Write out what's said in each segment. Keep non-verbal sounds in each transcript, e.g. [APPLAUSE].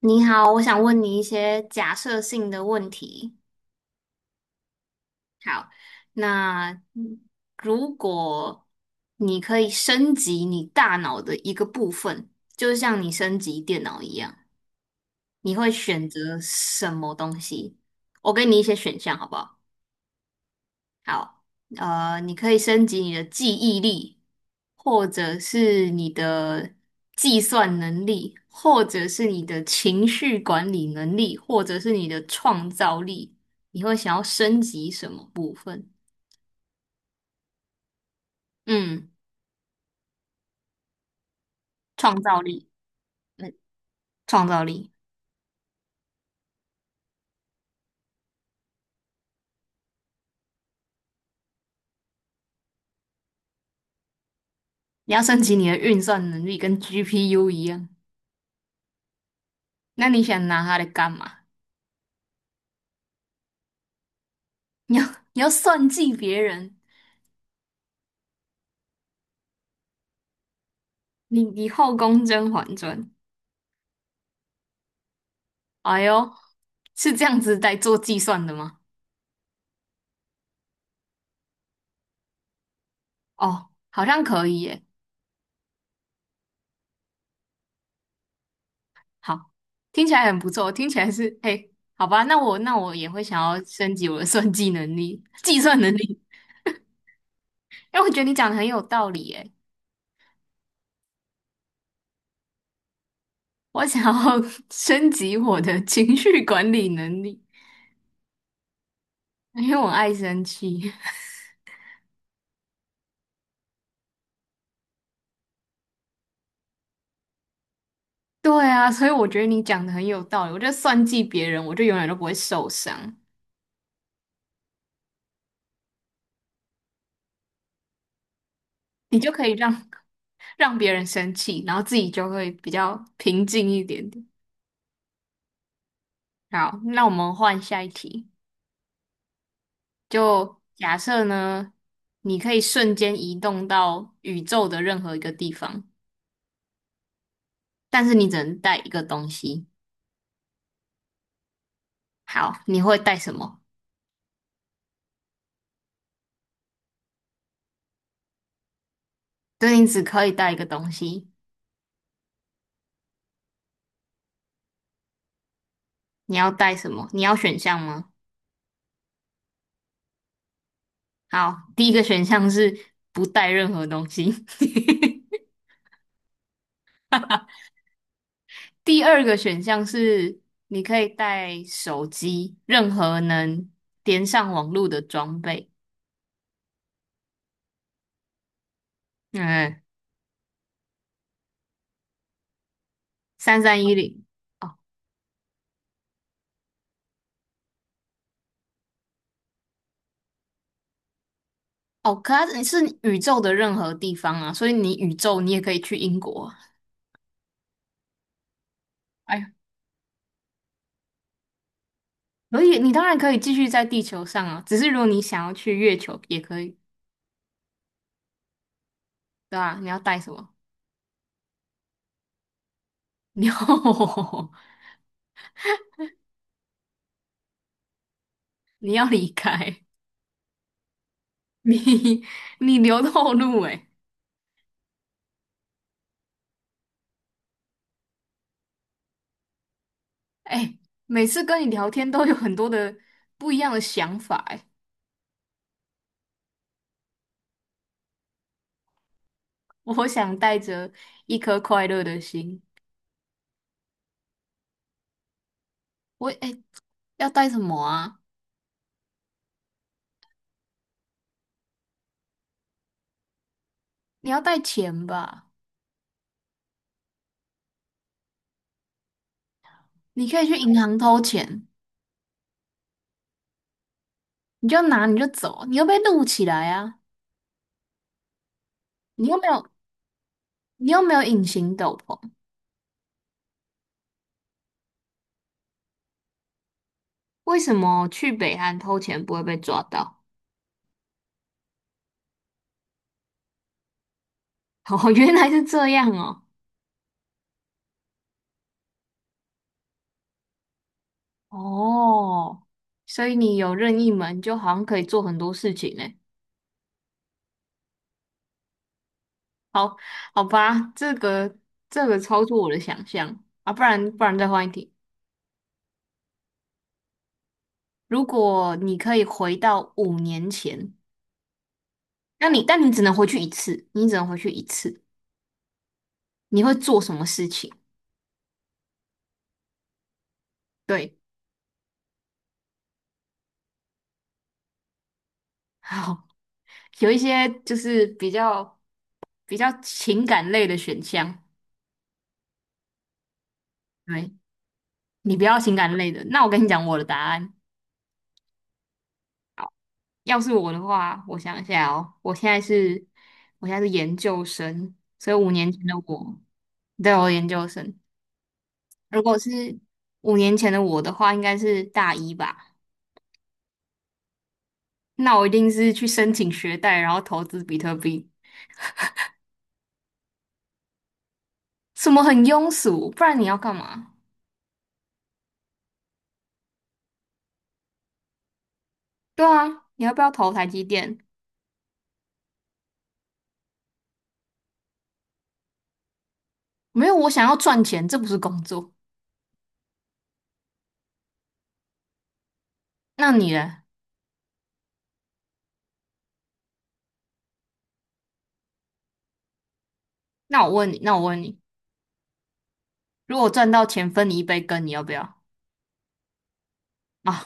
你好，我想问你一些假设性的问题。好，那如果你可以升级你大脑的一个部分，就像你升级电脑一样，你会选择什么东西？我给你一些选项，好不好？好，你可以升级你的记忆力，或者是你的计算能力，或者是你的情绪管理能力，或者是你的创造力。你会想要升级什么部分？嗯，创造力，嗯，创造力。你要升级你的运算能力，跟 GPU 一样。那你想拿它来干嘛？[LAUGHS] 你要你要算计别人，你你后宫甄嬛传。哎呦，是这样子在做计算的吗？哦，好像可以耶。好，听起来很不错，听起来是，[LAUGHS] 哎，好吧，那我也会想要升级我的算计能力、[LAUGHS] 计算能力，因为我觉得你讲的很有道理耶。我想要 [LAUGHS] 升级我的情绪管理能力，因为我爱生气。[LAUGHS] 对啊，所以我觉得你讲的很有道理。我就算计别人，我就永远都不会受伤，你就可以让让别人生气，然后自己就会比较平静一点点。好，那我们换下一题。就假设呢，你可以瞬间移动到宇宙的任何一个地方，但是你只能带一个东西。好，你会带什么？对，你只可以带一个东西。你要带什么？你要选项吗？好，第一个选项是不带任何东西。[LAUGHS] 第二个选项是你可以带手机，任何能连上网络的装备。嗯，三三一零。哦，可它是宇宙的任何地方啊，所以你宇宙你也可以去英国啊。哎呀，可以，你当然可以继续在地球上啊，只是如果你想要去月球也可以，对吧？你要带什么？[LAUGHS] 你要你要离开，你你留后路哎哎、每次跟你聊天都有很多的不一样的想法哎、我想带着一颗快乐的心，我哎、要带什么啊？你要带钱吧？你可以去银行偷钱。你就拿你就走，你又被录起来啊！你又没有你又没有隐形斗篷，为什么去北韩偷钱不会被抓到？[LAUGHS] 哦，原来是这样哦。哦，所以你有任意门，就好像可以做很多事情呢。好，好吧，这个超出我的想象啊！不然再换一题。如果你可以回到五年前，那你但你只能回去一次，你只能回去一次，你会做什么事情？对，好，有一些就是比较情感类的选项，对，你不要情感类的。那我跟你讲我的答案，要是我的话，我想一下哦，我现在是研究生，所以五年前的我，对，我研究生。如果是五年前的我的话，应该是大一吧。那我一定是去申请学贷，然后投资比特币，什么很庸俗，不然你要干嘛？对啊，你要不要投台积电？没有，我想要赚钱，这不是工作。那你呢？那我问你，如果赚到钱分你一杯羹，你要不要啊？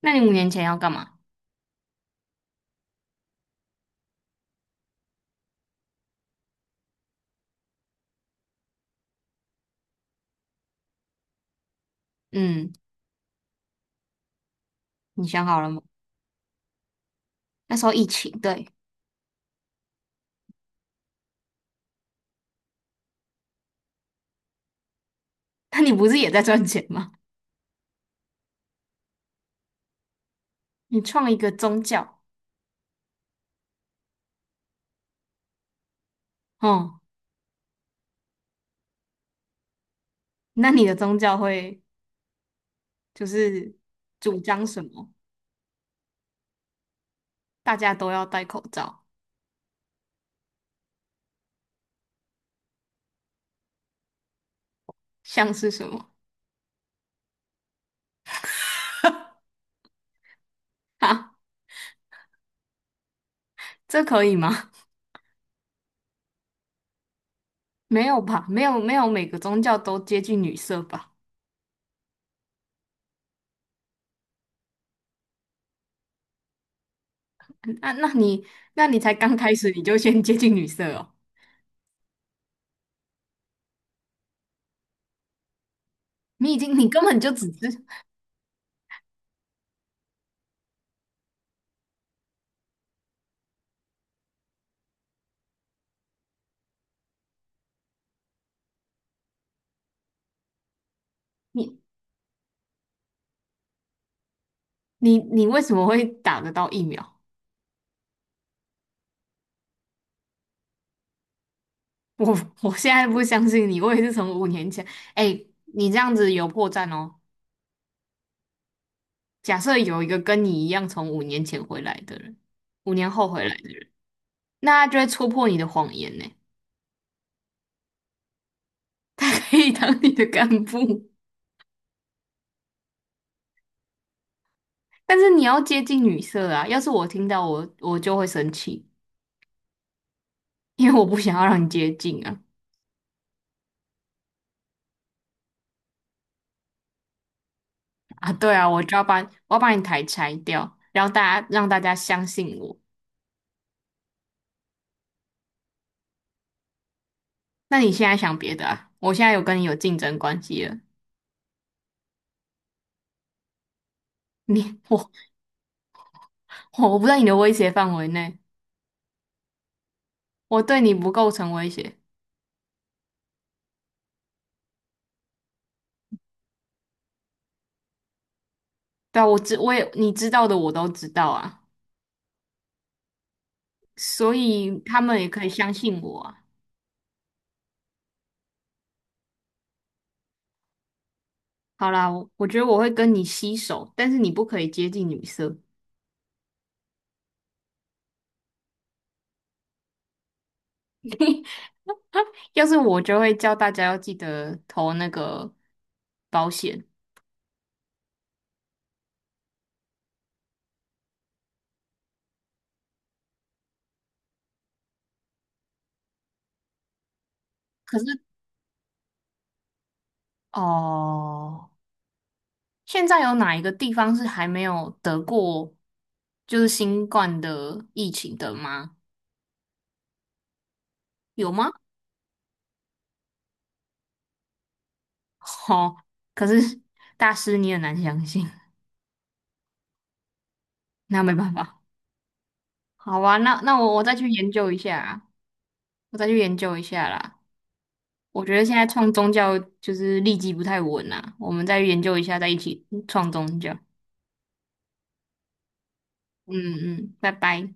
那你五年前要干嘛？嗯，你想好了吗？那时候疫情，对，那你不是也在赚钱吗？你创一个宗教，哦、那你的宗教会就是主张什么？大家都要戴口罩，像是什么啊？这可以吗？[LAUGHS] 没有吧？没有没有，每个宗教都接近女色吧？那那你那你才刚开始，你就先接近女色哦。你已经，你根本就只是。你你为什么会打得到疫苗？我我现在不相信你，我也是从五年前，哎，你这样子有破绽哦。假设有一个跟你一样从五年前回来的人，五年后回来的人，那他就会戳破你的谎言呢，他可以当你的干部，但是你要接近女色啊。要是我听到我就会生气，因为我不想要让你接近啊。啊，对啊，我要把你台拆掉，然后大家让大家相信我。那你现在想别的啊？我现在有跟你有竞争关系了，你我我不在你的威胁范围内，我对你不构成威胁。对啊，我知我也你知道的我都知道啊，所以他们也可以相信我啊。好啦，我觉得我会跟你携手，但是你不可以接近女色。[LAUGHS] 要是我就会叫大家要记得投那个保险。可是哦。现在有哪一个地方是还没有得过就是新冠的疫情的吗？有吗？[LAUGHS] 哦，可是大师你很难相信，那没办法。好啊，那我再去研究一下啊，我再去研究一下啦。我觉得现在创宗教就是立基不太稳啊，我们再研究一下，再一起创宗教。嗯嗯，拜拜。